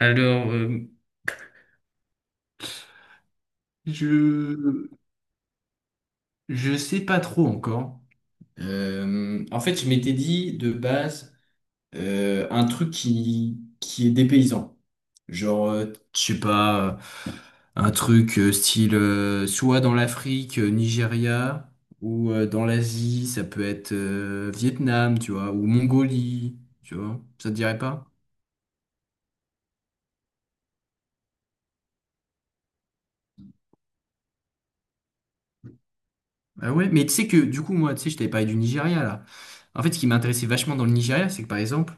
Alors, je je sais pas trop encore. En fait, je m'étais dit de base un truc qui est dépaysant. Genre, je sais pas, un truc style soit dans l'Afrique, Nigeria, ou dans l'Asie, ça peut être Vietnam, tu vois, ou Mongolie, tu vois. Ça te dirait pas? Ah ouais, mais tu sais que du coup, moi, tu sais, je t'avais parlé du Nigeria là. En fait, ce qui m'intéressait vachement dans le Nigeria, c'est que par exemple,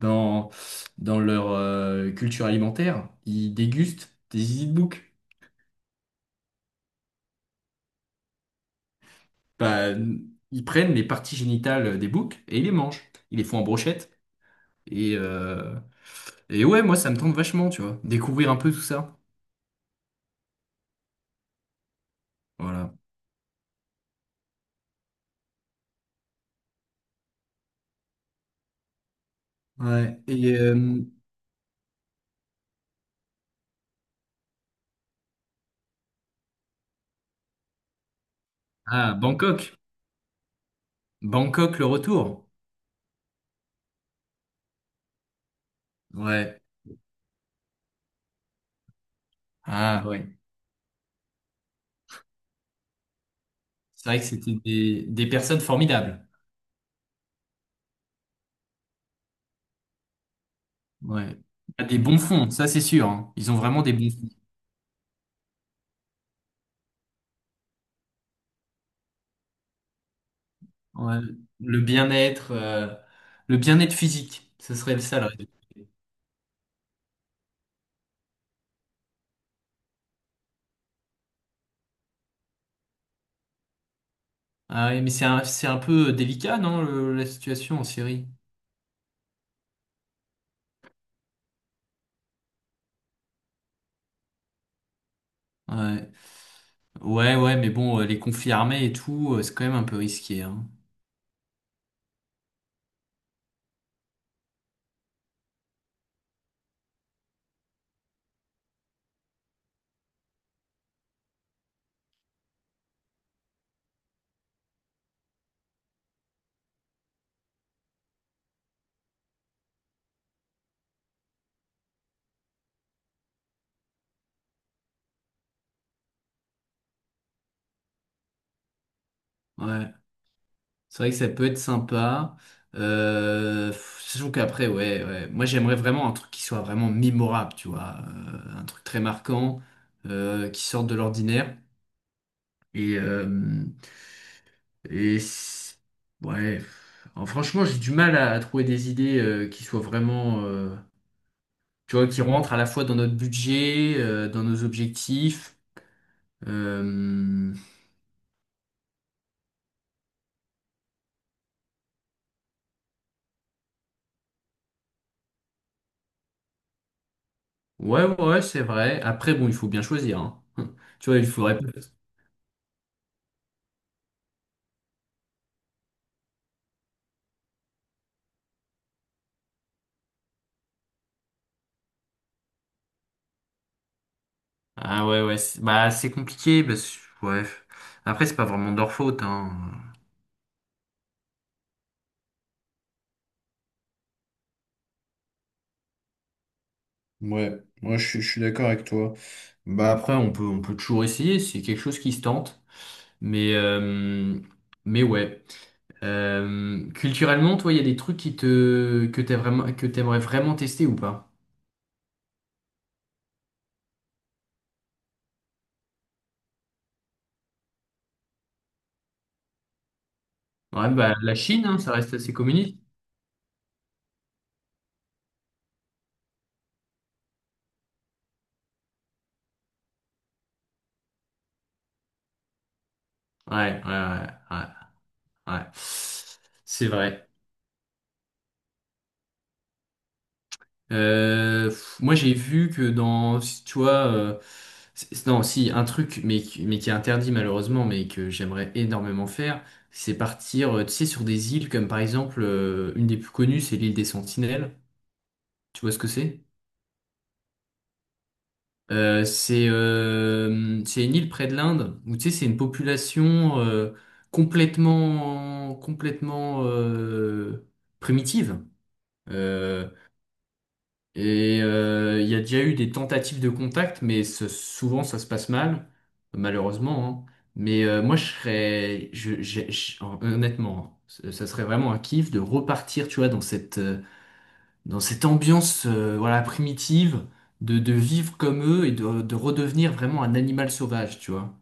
dans, dans leur culture alimentaire, ils dégustent des easy de bouc. Bah, ils prennent les parties génitales des boucs et ils les mangent. Ils les font en brochette. Et, euh, et ouais, moi, ça me tente vachement, tu vois. Découvrir un peu tout ça. Voilà. Ouais. Et ah, Bangkok. Bangkok, le retour. Ouais. Ah, ouais. C'est vrai que c'était des personnes formidables. Ouais. Ah, des bons fonds, ça c'est sûr, hein. Ils ont vraiment des bons fonds. Ouais, le bien-être, euh, le bien-être physique, ce serait ça le rêve. Ah ouais, mais c'est un peu délicat, non, la situation en Syrie? Ouais, ouais, ouais, mais bon, les conflits armés et tout, c'est quand même un peu risqué, hein. Ouais, c'est vrai que ça peut être sympa. Pff, surtout qu'après, ouais, ouais. Moi, j'aimerais vraiment un truc qui soit vraiment mémorable, tu vois, un truc très marquant, qui sorte de l'ordinaire. Et, euh, Et c- ouais, alors, franchement, j'ai du mal à trouver des idées qui soient vraiment, tu vois, qui rentrent à la fois dans notre budget, dans nos objectifs. Euh, Ouais, ouais, c'est vrai. Après, bon, il faut bien choisir, hein. Tu vois, il faudrait. Ah ouais, ouais, bah c'est compliqué, parce que ouais. Après, c'est pas vraiment de leur faute, hein. Ouais, moi je suis d'accord avec toi. Bah, après, on peut toujours essayer, c'est quelque chose qui se tente. Mais, euh, mais ouais. Culturellement, toi, il y a des trucs que t'as vraiment, que t'aimerais vraiment tester ou pas? Ouais, bah, la Chine, hein, ça reste assez communiste. Ouais, ouais, ouais, ouais, ouais. C'est vrai. Pff, moi, j'ai vu que dans, si tu vois, non, si, un truc, mais, mais qui est interdit malheureusement, mais que j'aimerais énormément faire, c'est partir, tu sais, sur des îles comme par exemple, une des plus connues, c'est l'île des Sentinelles. Tu vois ce que c'est? C'est une île près de l'Inde où tu sais c'est une population euh, complètement primitive. Euh, et il y a déjà eu des tentatives de contact mais souvent ça se passe mal malheureusement, hein. Mais moi je serais je, j'ai- je- honnêtement hein, ça serait vraiment un kiff de repartir tu vois dans cette ambiance voilà, primitive de vivre comme eux et de redevenir vraiment un animal sauvage, tu vois.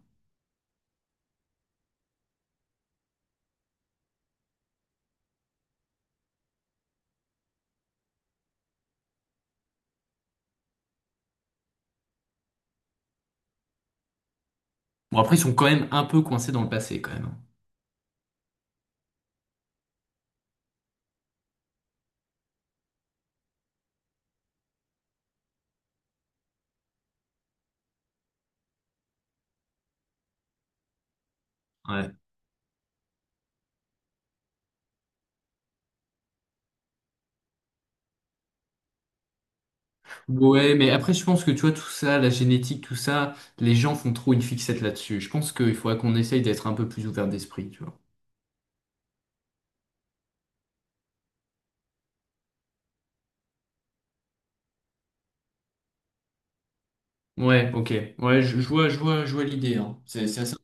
Bon, après, ils sont quand même un peu coincés dans le passé, quand même. Ouais. Ouais, mais après, je pense que, tu vois, tout ça, la génétique, tout ça, les gens font trop une fixette là-dessus. Je pense qu'il faudrait qu'on essaye d'être un peu plus ouvert d'esprit, tu vois. Ouais, ok. Ouais, je vois l'idée, hein. C'est assez...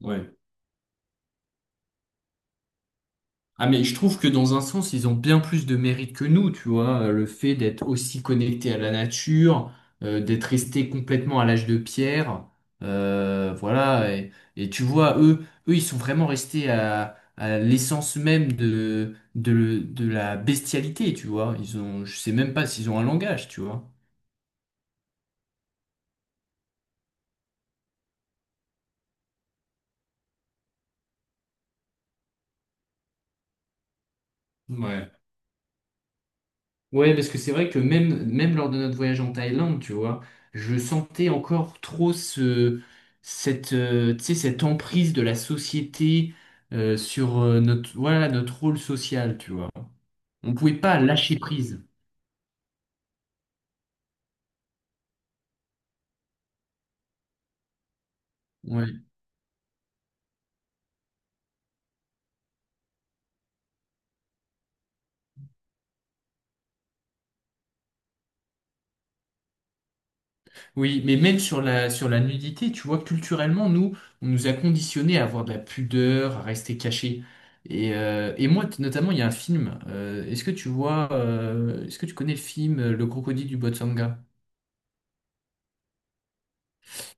Ouais. Ah mais je trouve que dans un sens, ils ont bien plus de mérite que nous, tu vois, le fait d'être aussi connectés à la nature, d'être restés complètement à l'âge de pierre, voilà, et tu vois, eux, ils sont vraiment restés à l'essence même de la bestialité, tu vois, ils ont, je sais même pas s'ils ont un langage, tu vois. Ouais. Ouais, parce que c'est vrai que même lors de notre voyage en Thaïlande, tu vois, je sentais encore trop tu sais, cette emprise de la société sur notre, voilà, notre rôle social, tu vois. On pouvait pas lâcher prise. Ouais. Oui, mais même sur sur la nudité, tu vois, culturellement, nous, on nous a conditionnés à avoir de la pudeur, à rester cachés. Et moi, notamment, il y a un film. Est-ce que tu vois, est-ce que tu connais le film Le Crocodile du Botswana?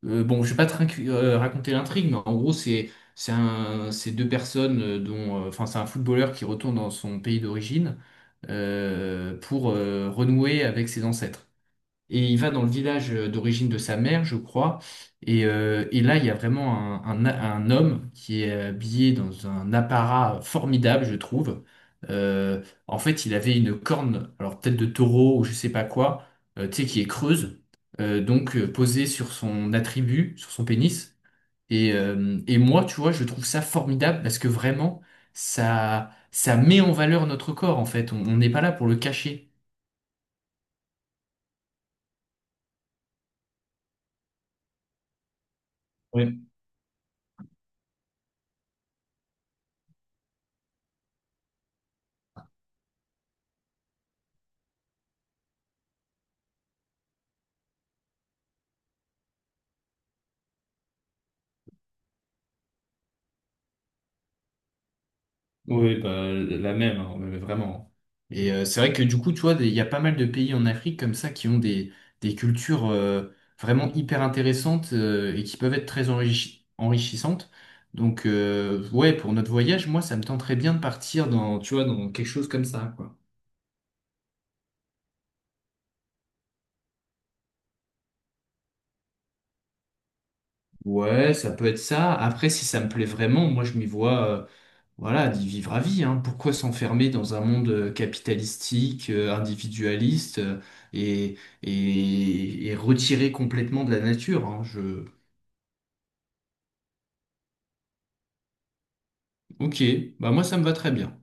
Bon, je vais pas te raconter l'intrigue, mais en gros, c'est deux personnes dont, enfin, c'est un footballeur qui retourne dans son pays d'origine pour renouer avec ses ancêtres. Et il va dans le village d'origine de sa mère, je crois. Et là, il y a vraiment un homme qui est habillé dans un apparat formidable, je trouve. En fait, il avait une corne, alors peut-être de taureau ou je sais pas quoi, tu sais, qui est creuse, posée sur son attribut, sur son pénis. Et moi, tu vois, je trouve ça formidable parce que vraiment, ça met en valeur notre corps, en fait. On n'est pas là pour le cacher. Oui, bah, la même, hein, mais vraiment. Et c'est vrai que du coup, tu vois, il y a pas mal de pays en Afrique comme ça qui ont des cultures vraiment hyper intéressantes et qui peuvent être très enrichissantes. Donc, ouais, pour notre voyage, moi, ça me tenterait bien de partir dans, tu vois, dans quelque chose comme ça, quoi. Ouais, ça peut être ça. Après, si ça me plaît vraiment, moi, je m'y vois. Voilà, d'y vivre à vie, hein. Pourquoi s'enfermer dans un monde capitalistique, individualiste, et, et retiré complètement de la nature, hein. Je... Ok, bah moi ça me va très bien.